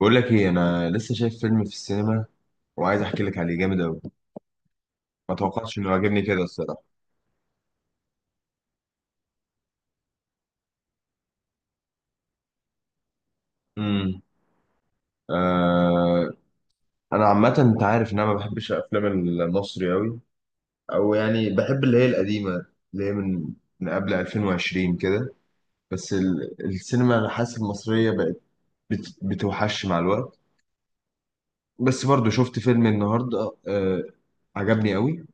بقول لك ايه، انا لسه شايف فيلم في السينما وعايز احكي لك عليه جامد قوي. ما توقعتش انه عجبني كده الصراحه. امم آه انا عامه، انت عارف ان انا ما بحبش الافلام المصري قوي. او يعني بحب اللي هي القديمه، اللي هي من قبل 2020 كده. بس السينما انا حاسس المصريه بقت بتوحش مع الوقت. بس برضو شفت فيلم النهارده، عجبني قوي.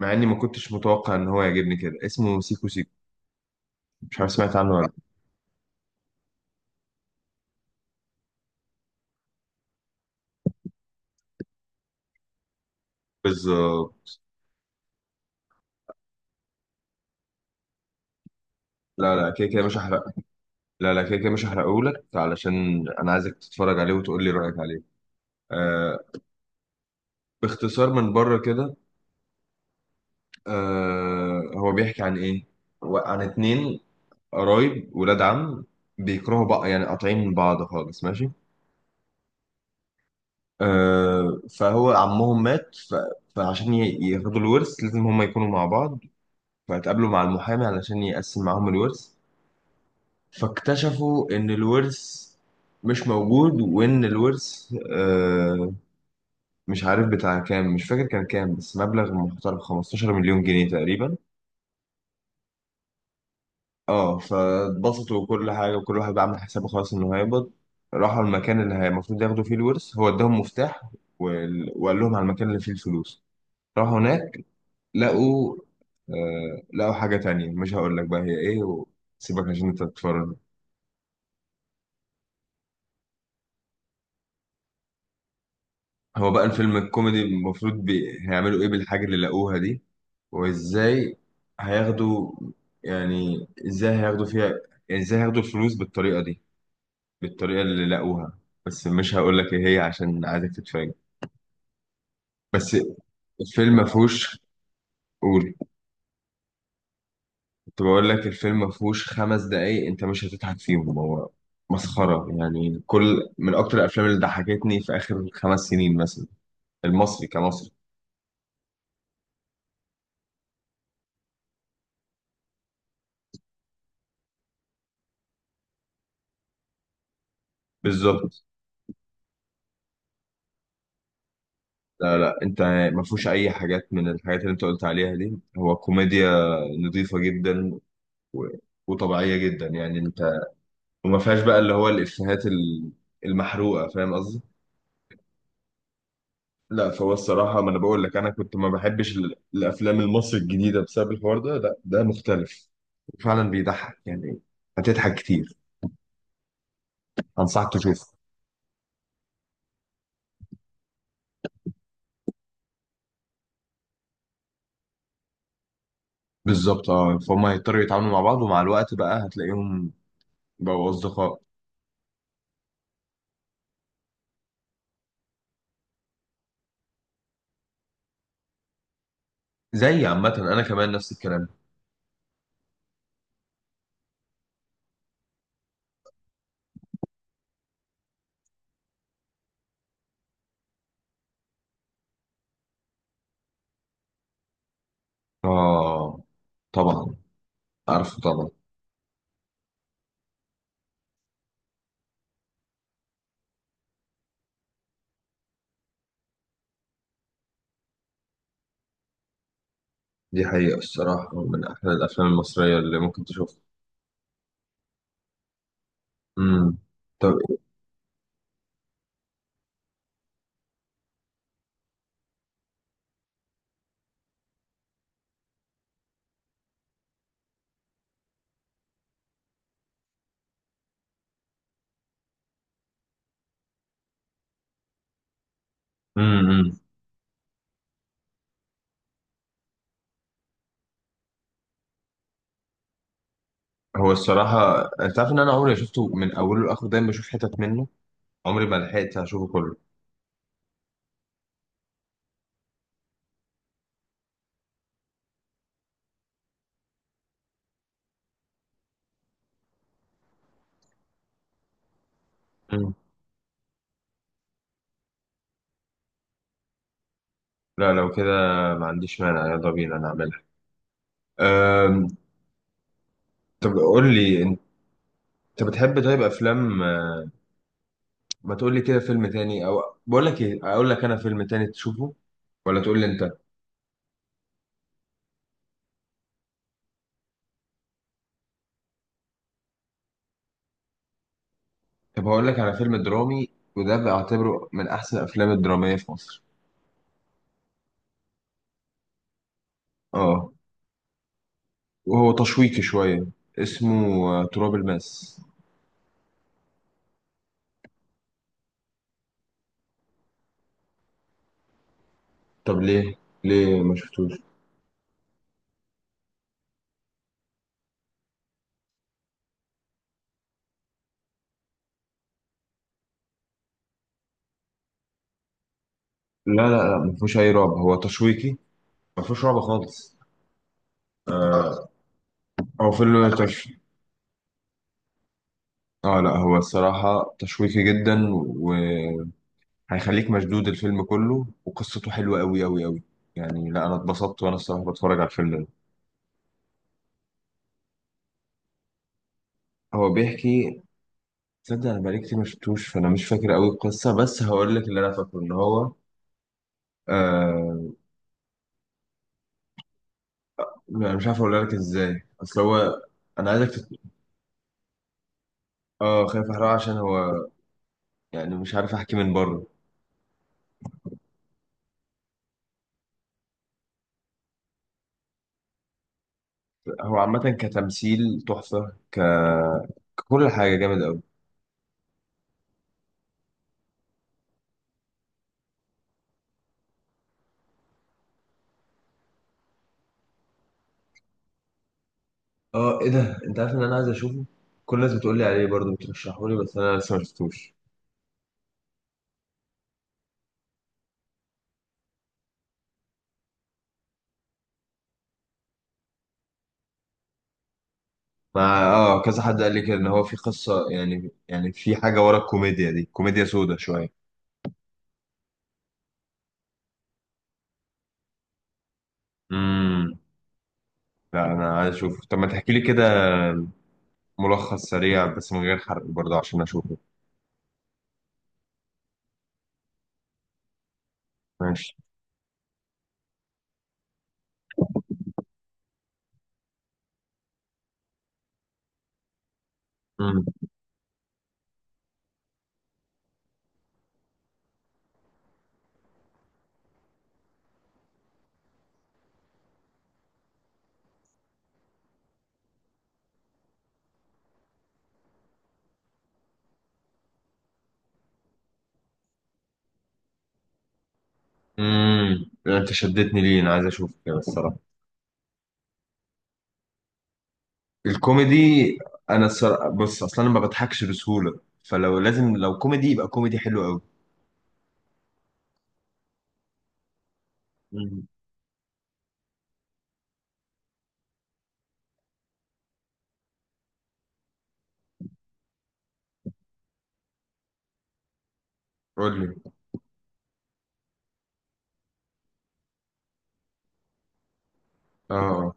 مع اني ما كنتش متوقع ان هو يعجبني كده. اسمه سيكو سيكو، مش عارف سمعت عنه ولا لا. بالظبط. لا، لا، كده كده مش هحرق. لا، لا، كده كده مش هحرقهولك علشان انا عايزك تتفرج عليه وتقول لي رايك عليه آه باختصار من بره كده، هو بيحكي عن ايه. هو عن 2 قرايب، ولاد عم، بيكرهوا بعض، يعني قاطعين من بعض خالص. ماشي. فهو عمهم مات فعشان ياخدوا الورث لازم هما يكونوا مع بعض. فاتقابلوا مع المحامي علشان يقسم معاهم الورث، فاكتشفوا ان الورث مش موجود، وان الورث مش عارف بتاع كام، مش فاكر كان كام، بس مبلغ محترم، 15 مليون جنيه تقريبا. اه فاتبسطوا وكل حاجه، وكل واحد بقى عامل حسابه خلاص انه هيقبض. راحوا المكان اللي المفروض ياخدوا فيه الورث، هو اداهم مفتاح وقال لهم على المكان اللي فيه الفلوس. راحوا هناك، لقوا لقوا حاجه تانية مش هقول لك بقى هي ايه، وسيبك عشان انت تتفرج. هو بقى الفيلم الكوميدي المفروض هيعملوا ايه بالحاجة اللي لقوها دي، وازاي هياخدوا، يعني ازاي هياخدوا فيها، يعني ازاي هياخدوا الفلوس بالطريقة دي، بالطريقة اللي لقوها. بس مش هقول لك ايه هي عشان عايزك تتفاجئ. بس الفيلم ما فيهوش. قول. كنت بقول لك الفيلم ما فيهوش 5 دقايق انت مش هتضحك فيهم، هو مسخرة. يعني كل، من اكتر الافلام اللي ضحكتني في اخر 5 سنين مثلا، المصري كمصري. بالظبط. لا، لا، انت ما فيهوش اي حاجات من الحاجات اللي انت قلت عليها دي. هو كوميديا نظيفة جدا و... وطبيعية جدا، يعني انت. وما فيهاش بقى اللي هو الافيهات المحروقة، فاهم قصدي. لا، فهو الصراحة ما انا بقول لك، انا كنت ما بحبش الافلام المصري الجديدة بسبب الحوار ده. لا، ده مختلف فعلا، بيضحك يعني، هتضحك كتير. انصحك تشوفه. بالظبط. اه فهم هيضطروا يتعاملوا مع بعض، ومع الوقت بقى هتلاقيهم بقوا اصدقاء. زي عامة انا كمان نفس الكلام. آه، طبعا، عارفه طبعا. دي حقيقة الصراحة، من أحلى الأفلام المصرية اللي ممكن تشوفها. امم طب. امم هو الصراحة أنت عارف إن أنا عمري ما شفته من أوله لآخره، دايما بشوف حتت منه، عمري ما لحقت أشوفه كله. امم لا، لو كده ما عنديش مانع، يلا بينا نعملها. أم... طب قول لي أنت، بتحب طيب أفلام ما تقول لي كده فيلم تاني، أو بقول لك إيه، أقول لك أنا فيلم تاني تشوفه، ولا تقول لي أنت. طب هقول لك على فيلم درامي، وده بعتبره من احسن الافلام الدراميه في مصر. اه. وهو تشويقي شويه، اسمه تراب الماس. طب ليه، ليه ما شفتوش؟ لا، لا، لا، ما فيهوش اي رعب، هو تشويقي، ما فيهوش رعب خالص. هو فيلم اه لا، هو الصراحه تشويقي جدا، وهيخليك مشدود الفيلم كله، وقصته حلوه قوي قوي قوي. يعني لا، انا اتبسطت وانا الصراحه بتفرج على الفيلم ده. هو بيحكي تصدق انا بقالي كتير ما شفتوش، فانا مش فاكر قوي القصه، بس هقول لك اللي انا فاكره ان هو آه انا مش عارف اقول لك ازاي، اصل هو، انا عايزك اه خايف احرقه عشان هو، يعني مش عارف احكي من بره. هو عامه كتمثيل تحفه، ككل حاجه جامد قوي. اه، ايه ده، انت عارف ان انا عايز اشوفه، كل الناس بتقول لي عليه برضه بترشحه لي، بس انا لسه ما شفتوش. مع كذا حد قال لي كده ان هو في قصه، يعني في حاجه ورا الكوميديا دي، كوميديا سودا. شويه. لا، انا عايز اشوفه، طب ما تحكي لي كده ملخص سريع، بس من غير حرق برضه عشان اشوفه. ماشي. امم انت شدتني، ليه انا عايز اشوفه كده الصراحه. الكوميدي، انا الصراحه بص، اصلا انا ما بضحكش بسهوله، فلو لازم لو كوميدي يبقى كوميدي حلو قوي. امم قول لي. اه،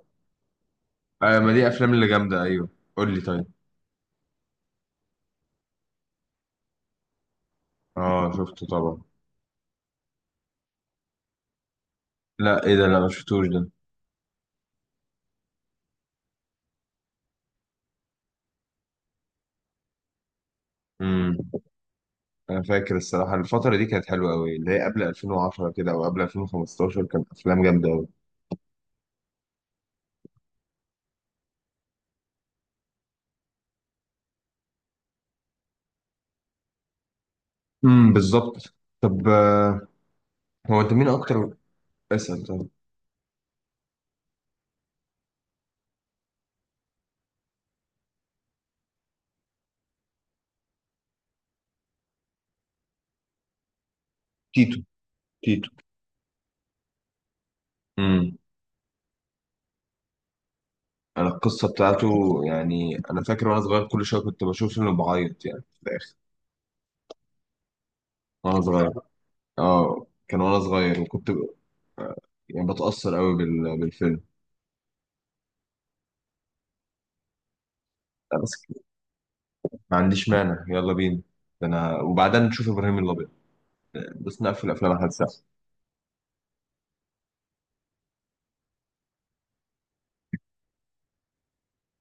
اه، آه، ما دي افلام اللي جامده، ايوه قول لي طيب. اه شفته طبعا. لا، ايه ده، لا ما شفتوش ده. امم انا فاكر الصراحه الفتره دي كانت حلوه قوي، اللي هي قبل 2010 كده او قبل 2015، كانت افلام جامده. بالظبط. طب هو انت مين اكتر. اسال طب. تيتو، تيتو. امم انا القصه بتاعته، يعني انا فاكر وانا صغير كل شويه كنت بشوف فيلم بعيط يعني في الاخر. وانا صغير. اه كان وانا صغير، وكنت يعني بتاثر قوي بالفيلم. لا، بس ما عنديش مانع، يلا بينا. ده انا وبعدين نشوف ابراهيم الابيض، بس نقفل افلام احمد سقا.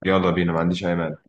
يلا بينا، ما عنديش اي مانع.